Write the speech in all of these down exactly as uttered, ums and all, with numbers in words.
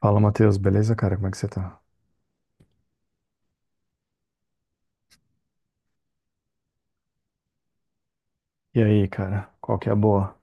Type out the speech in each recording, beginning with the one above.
Fala, Matheus, beleza, cara? Como é que você tá? E aí, cara, qual que é a boa?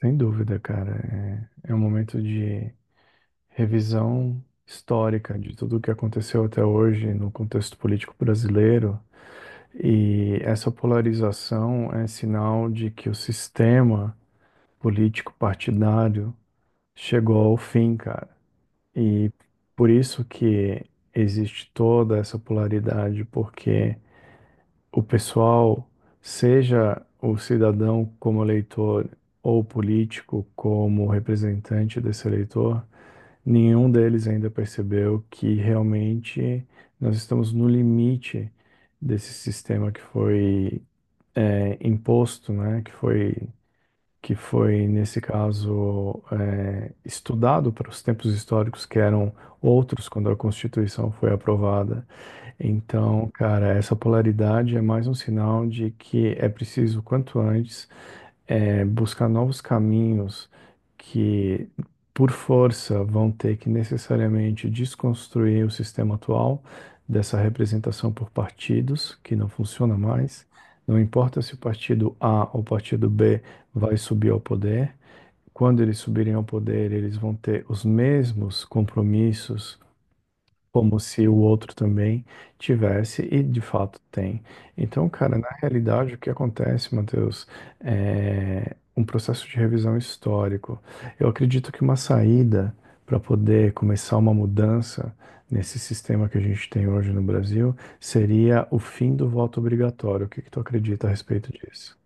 Sem dúvida, cara. É, é um momento de revisão histórica de tudo o que aconteceu até hoje no contexto político brasileiro. E essa polarização é sinal de que o sistema político partidário chegou ao fim, cara. E por isso que existe toda essa polaridade, porque o pessoal, seja o cidadão como eleitor ou político como representante desse eleitor, nenhum deles ainda percebeu que realmente nós estamos no limite desse sistema que foi é, imposto, né? Que foi que foi, nesse caso, eh, estudado para os tempos históricos que eram outros quando a Constituição foi aprovada. Então, cara, essa polaridade é mais um sinal de que é preciso, quanto antes, eh, buscar novos caminhos que, por força, vão ter que necessariamente desconstruir o sistema atual dessa representação por partidos, que não funciona mais. Não importa se o partido A ou o partido bê vai subir ao poder. Quando eles subirem ao poder, eles vão ter os mesmos compromissos, como se o outro também tivesse, e de fato tem. Então, cara, na realidade, o que acontece, Matheus, é um processo de revisão histórico. Eu acredito que uma saída para poder começar uma mudança nesse sistema que a gente tem hoje no Brasil seria o fim do voto obrigatório. O que que tu acredita a respeito disso?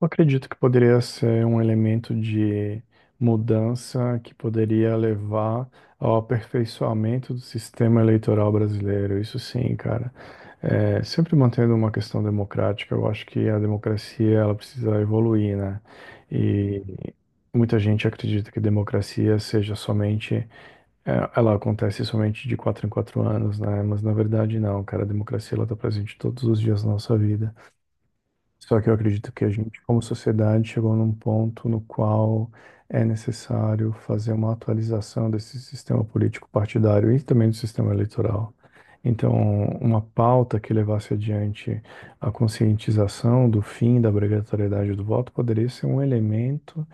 Eu acredito que poderia ser um elemento de mudança que poderia levar ao aperfeiçoamento do sistema eleitoral brasileiro. Isso sim, cara. É, sempre mantendo uma questão democrática, eu acho que a democracia ela precisa evoluir, né? E muita gente acredita que democracia seja somente, é, ela acontece somente de quatro em quatro anos, né? Mas na verdade não, cara. A democracia ela está presente todos os dias da nossa vida. Só que eu acredito que a gente, como sociedade, chegou num ponto no qual é necessário fazer uma atualização desse sistema político partidário e também do sistema eleitoral. Então, uma pauta que levasse adiante a conscientização do fim da obrigatoriedade do voto poderia ser um elemento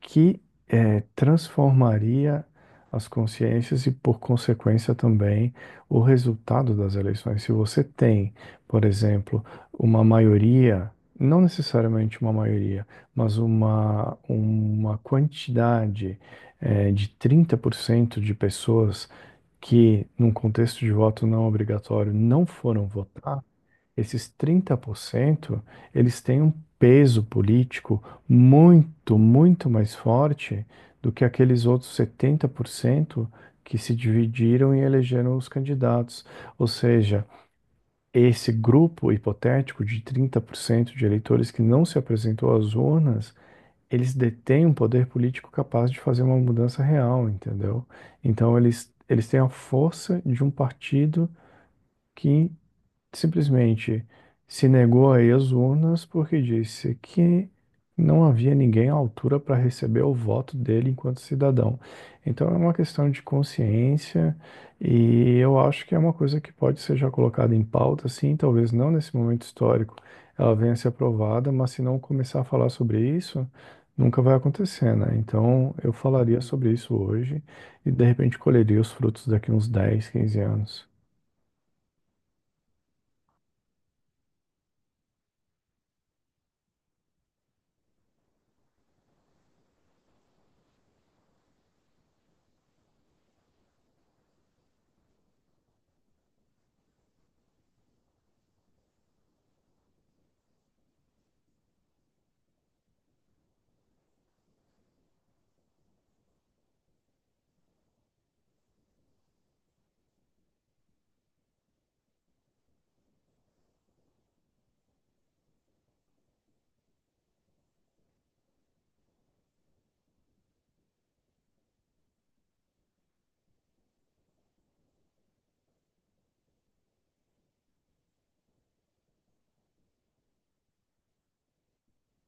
que eh, transformaria as consciências e, por consequência, também o resultado das eleições. Se você tem, por exemplo, uma maioria, não necessariamente uma maioria, mas uma, uma quantidade eh, de trinta por cento de pessoas que, num contexto de voto não obrigatório, não foram votar, esses trinta por cento eles têm um peso político muito, muito mais forte do que aqueles outros setenta por cento que se dividiram e elegeram os candidatos. Ou seja, esse grupo hipotético de trinta por cento de eleitores que não se apresentou às urnas, eles detêm um poder político capaz de fazer uma mudança real, entendeu? Então, eles, eles têm a força de um partido que simplesmente se negou a ir às urnas porque disse que não havia ninguém à altura para receber o voto dele enquanto cidadão. Então é uma questão de consciência, e eu acho que é uma coisa que pode ser já colocada em pauta, sim. Talvez não nesse momento histórico ela venha a ser aprovada, mas se não começar a falar sobre isso, nunca vai acontecer, né? Então eu falaria sobre isso hoje e de repente colheria os frutos daqui uns dez quinze anos.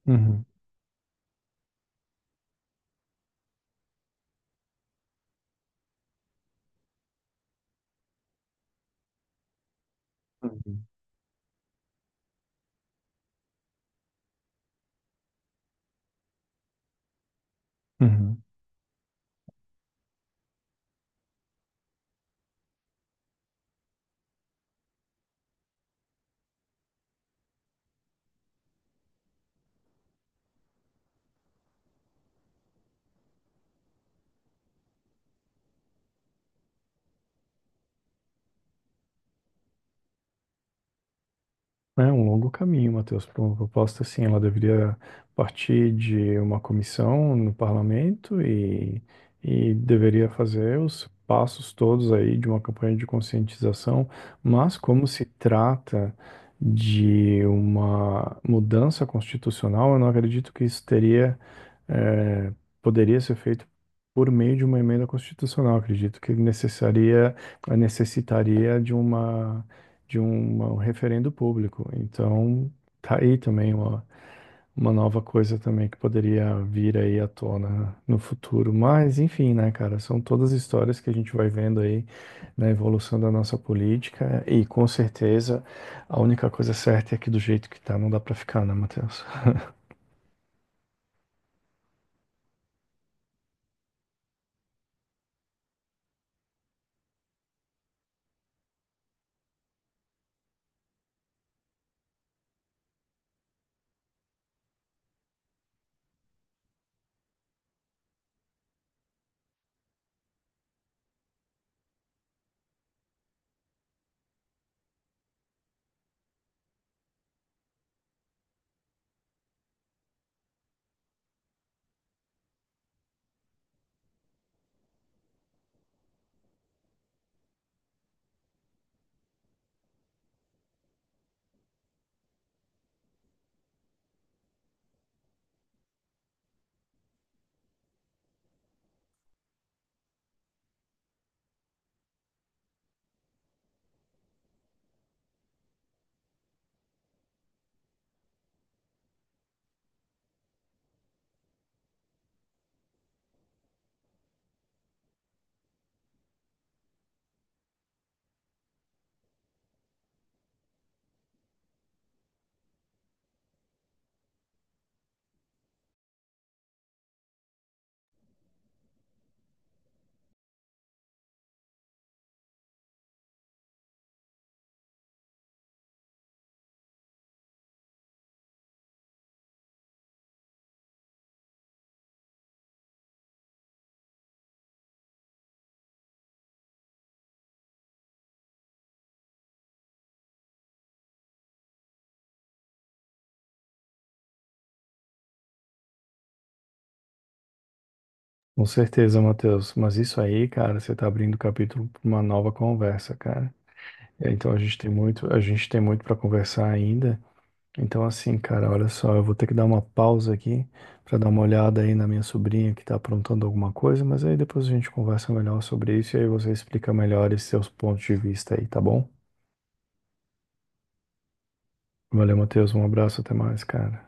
Uhum, uhum. Uhum. É um longo caminho, Matheus, para uma proposta assim. Ela deveria partir de uma comissão no parlamento, e, e deveria fazer os passos todos aí de uma campanha de conscientização, mas como se trata de uma mudança constitucional, eu não acredito que isso teria, é, poderia ser feito por meio de uma emenda constitucional. Acredito que necessaria, necessitaria de uma, de uma- um referendo público. Então, tá aí também uma, uma nova coisa também que poderia vir aí à tona no futuro. Mas, enfim, né, cara, são todas histórias que a gente vai vendo aí na evolução da nossa política e, com certeza, a única coisa certa é que do jeito que tá, não dá para ficar, né, Matheus? Com certeza, Matheus. Mas isso aí, cara, você tá abrindo o capítulo para uma nova conversa, cara. É, então a gente tem muito, a gente tem muito para conversar ainda. Então assim, cara, olha só, eu vou ter que dar uma pausa aqui para dar uma olhada aí na minha sobrinha que tá aprontando alguma coisa, mas aí depois a gente conversa melhor sobre isso e aí você explica melhor esses seus pontos de vista aí, tá bom? Valeu, Matheus. Um abraço, até mais, cara.